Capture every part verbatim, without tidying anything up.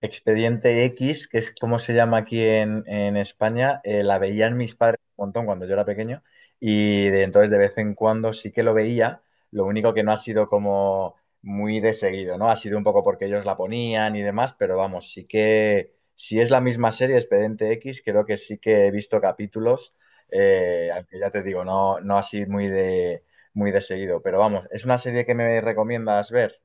Expediente X, que es como se llama aquí en, en España, eh, la veían mis padres un montón cuando yo era pequeño y de entonces de vez en cuando sí que lo veía, lo único que no ha sido como muy de seguido, ¿no? Ha sido un poco porque ellos la ponían y demás, pero vamos, sí que si es la misma serie, Expediente X, creo que sí que he visto capítulos, eh, aunque ya te digo, no, no así muy de, muy de seguido, pero vamos, es una serie que me recomiendas ver.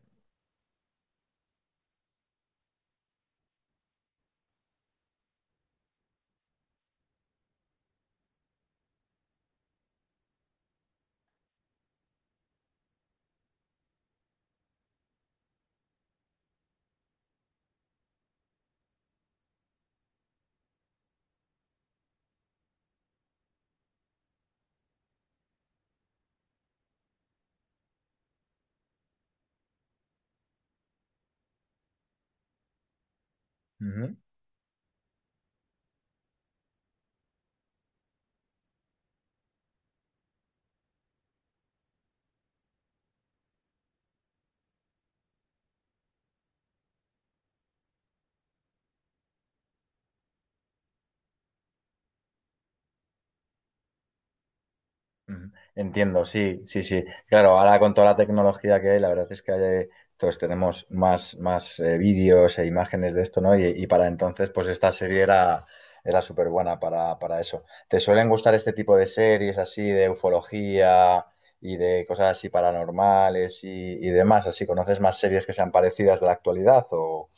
Ujú. Entiendo, sí, sí, sí. Claro, ahora con toda la tecnología que hay, la verdad es que hay- todos tenemos más, más eh, vídeos e imágenes de esto, ¿no? Y, y para entonces, pues esta serie era, era súper buena para, para eso. ¿Te suelen gustar este tipo de series así de ufología y de cosas así paranormales y, y demás? ¿Así conoces más series que sean parecidas de la actualidad o...?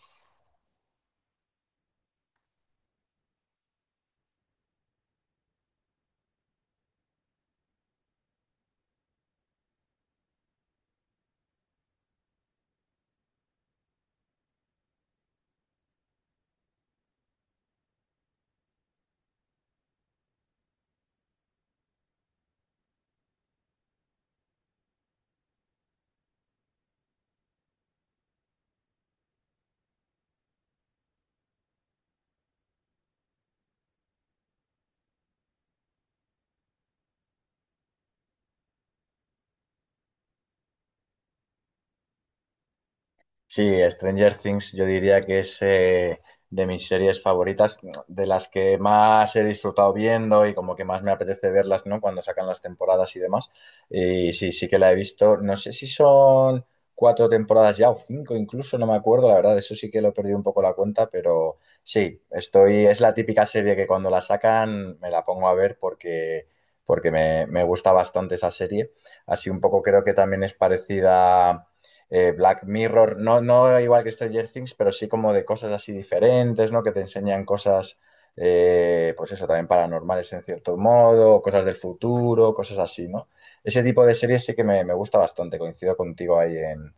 Sí, Stranger Things yo diría que es eh, de mis series favoritas, de las que más he disfrutado viendo y como que más me apetece verlas, ¿no? Cuando sacan las temporadas y demás. Y sí, sí que la he visto. No sé si son cuatro temporadas ya o cinco incluso, no me acuerdo, la verdad, eso sí que lo he perdido un poco la cuenta, pero sí, estoy, es la típica serie que cuando la sacan me la pongo a ver porque, porque me, me gusta bastante esa serie. Así un poco creo que también es parecida eh, Black Mirror, no, no igual que Stranger Things, pero sí como de cosas así diferentes, ¿no? Que te enseñan cosas, eh, pues eso, también paranormales en cierto modo, cosas del futuro, cosas así, ¿no? Ese tipo de series sí que me, me gusta bastante, coincido contigo ahí en,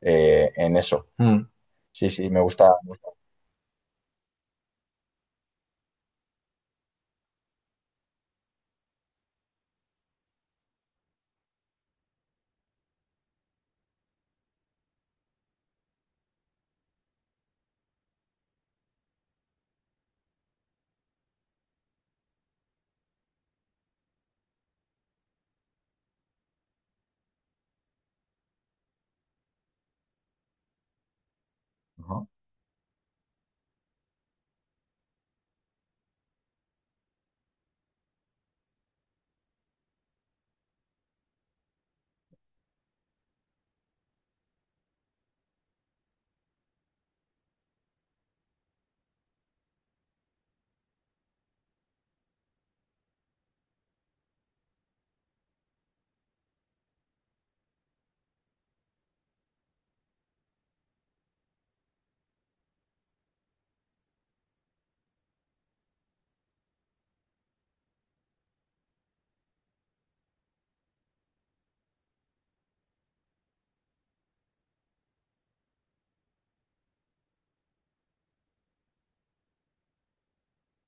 eh, en eso. Mm. Sí, sí, me gusta. Me gusta. Ajá.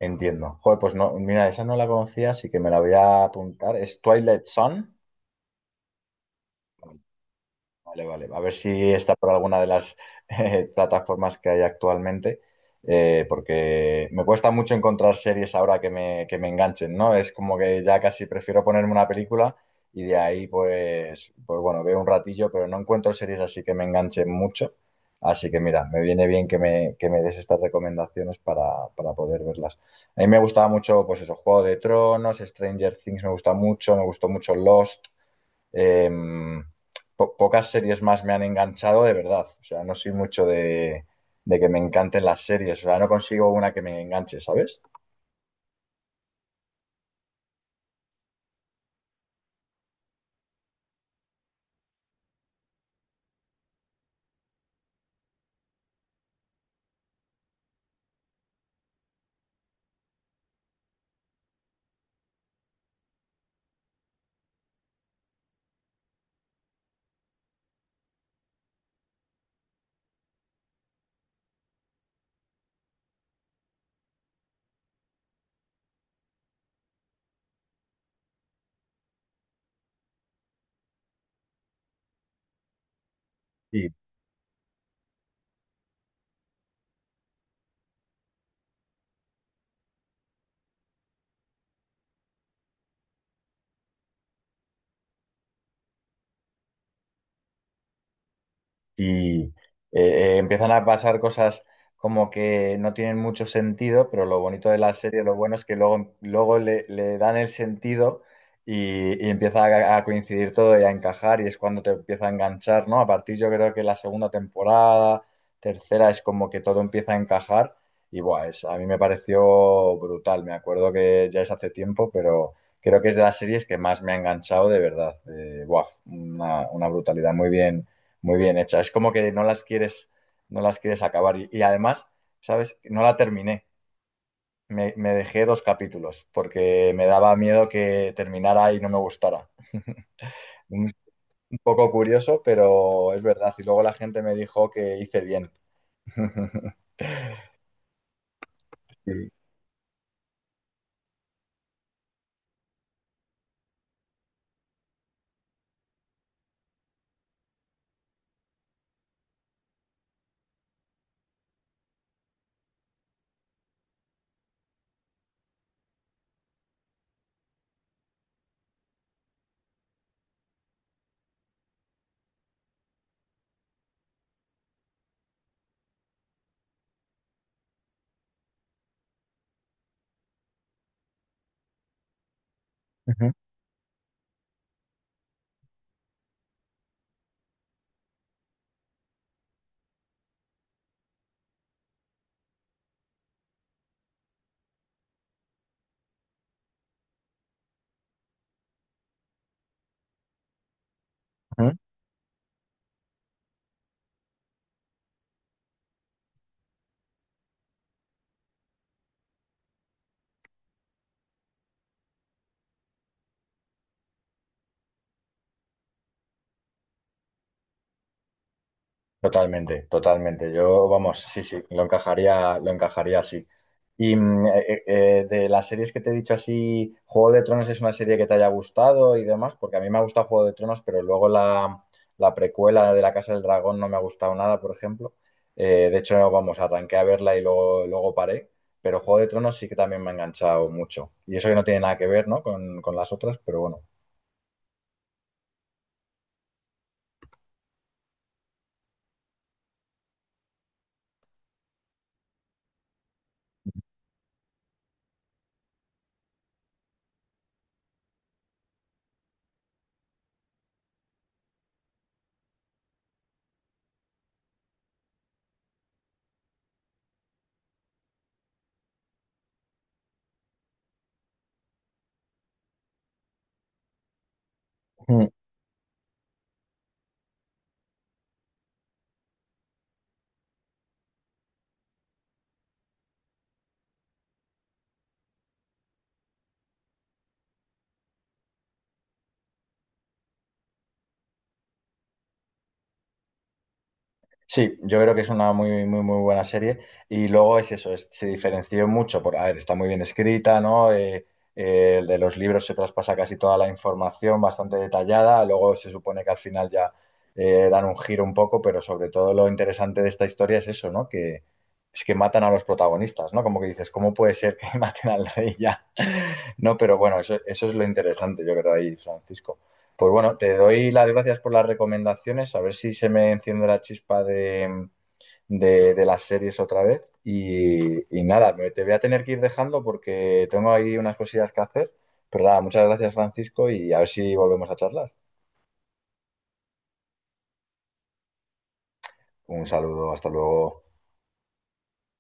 Entiendo. Joder, pues no, mira, esa no la conocía, así que me la voy a apuntar. ¿Es Twilight Sun? Vale, vale. A ver si está por alguna de las eh, plataformas que hay actualmente, eh, porque me cuesta mucho encontrar series ahora que me, que me enganchen, ¿no? Es como que ya casi prefiero ponerme una película y de ahí, pues, pues bueno, veo un ratillo, pero no encuentro series así que me enganchen mucho. Así que mira, me viene bien que me, que me des estas recomendaciones para, para poder verlas. A mí me gustaba mucho, pues eso, Juego de Tronos, Stranger Things me gusta mucho, me gustó mucho Lost eh, po- pocas series más me han enganchado de verdad. O sea, no soy mucho de, de que me encanten las series. O sea, no consigo una que me enganche, ¿sabes? y eh, eh, empiezan a pasar cosas como que no tienen mucho sentido, pero lo bonito de la serie, lo bueno es que luego, luego le, le dan el sentido y, y empieza a, a coincidir todo y a encajar y es cuando te empieza a enganchar, ¿no? A partir yo creo que la segunda temporada, tercera, es como que todo empieza a encajar y buah, es, a mí me pareció brutal, me acuerdo que ya es hace tiempo, pero... Creo que es de las series que más me ha enganchado de verdad. Eh, buah, una, una brutalidad. Muy bien, muy bien hecha. Es como que no las quieres, no las quieres acabar. Y, y además, ¿sabes? No la terminé. Me, me, dejé dos capítulos porque me daba miedo que terminara y no me gustara. Un, un poco curioso, pero es verdad. Y luego la gente me dijo que hice bien. Sí. Ujú, ujú. Totalmente, totalmente. Yo, vamos, sí, sí, lo encajaría, lo encajaría así. Y mm, eh, eh, eh, de las series que te he dicho así, Juego de Tronos es una serie que te haya gustado y demás, porque a mí me ha gustado Juego de Tronos, pero luego la, la precuela de La Casa del Dragón no me ha gustado nada, por ejemplo. Eh, de hecho, vamos, arranqué a verla y luego, luego paré, pero Juego de Tronos sí que también me ha enganchado mucho. Y eso que no tiene nada que ver, ¿no? con, con las otras, pero bueno. Sí, yo creo que es una muy, muy, muy buena serie. Y luego es eso, es- se diferenció mucho por, a ver, está muy bien escrita, ¿no? Eh, eh, el de los libros se traspasa casi toda la información, bastante detallada. Luego se supone que al final ya eh, dan un giro un poco, pero sobre todo lo interesante de esta historia es eso, ¿no? Que es que matan a los protagonistas, ¿no? Como que dices, ¿cómo puede ser que maten al rey ya? No, pero bueno, eso, eso es lo interesante, yo creo, ahí, Francisco. Pues bueno, te doy las gracias por las recomendaciones. A ver si se me enciende la chispa de, de- de las series otra vez. Y, y nada, me- te voy a tener que ir dejando porque tengo ahí unas cosillas que hacer. Pero nada, muchas gracias, Francisco, y a ver si volvemos a charlar. Un saludo, hasta luego.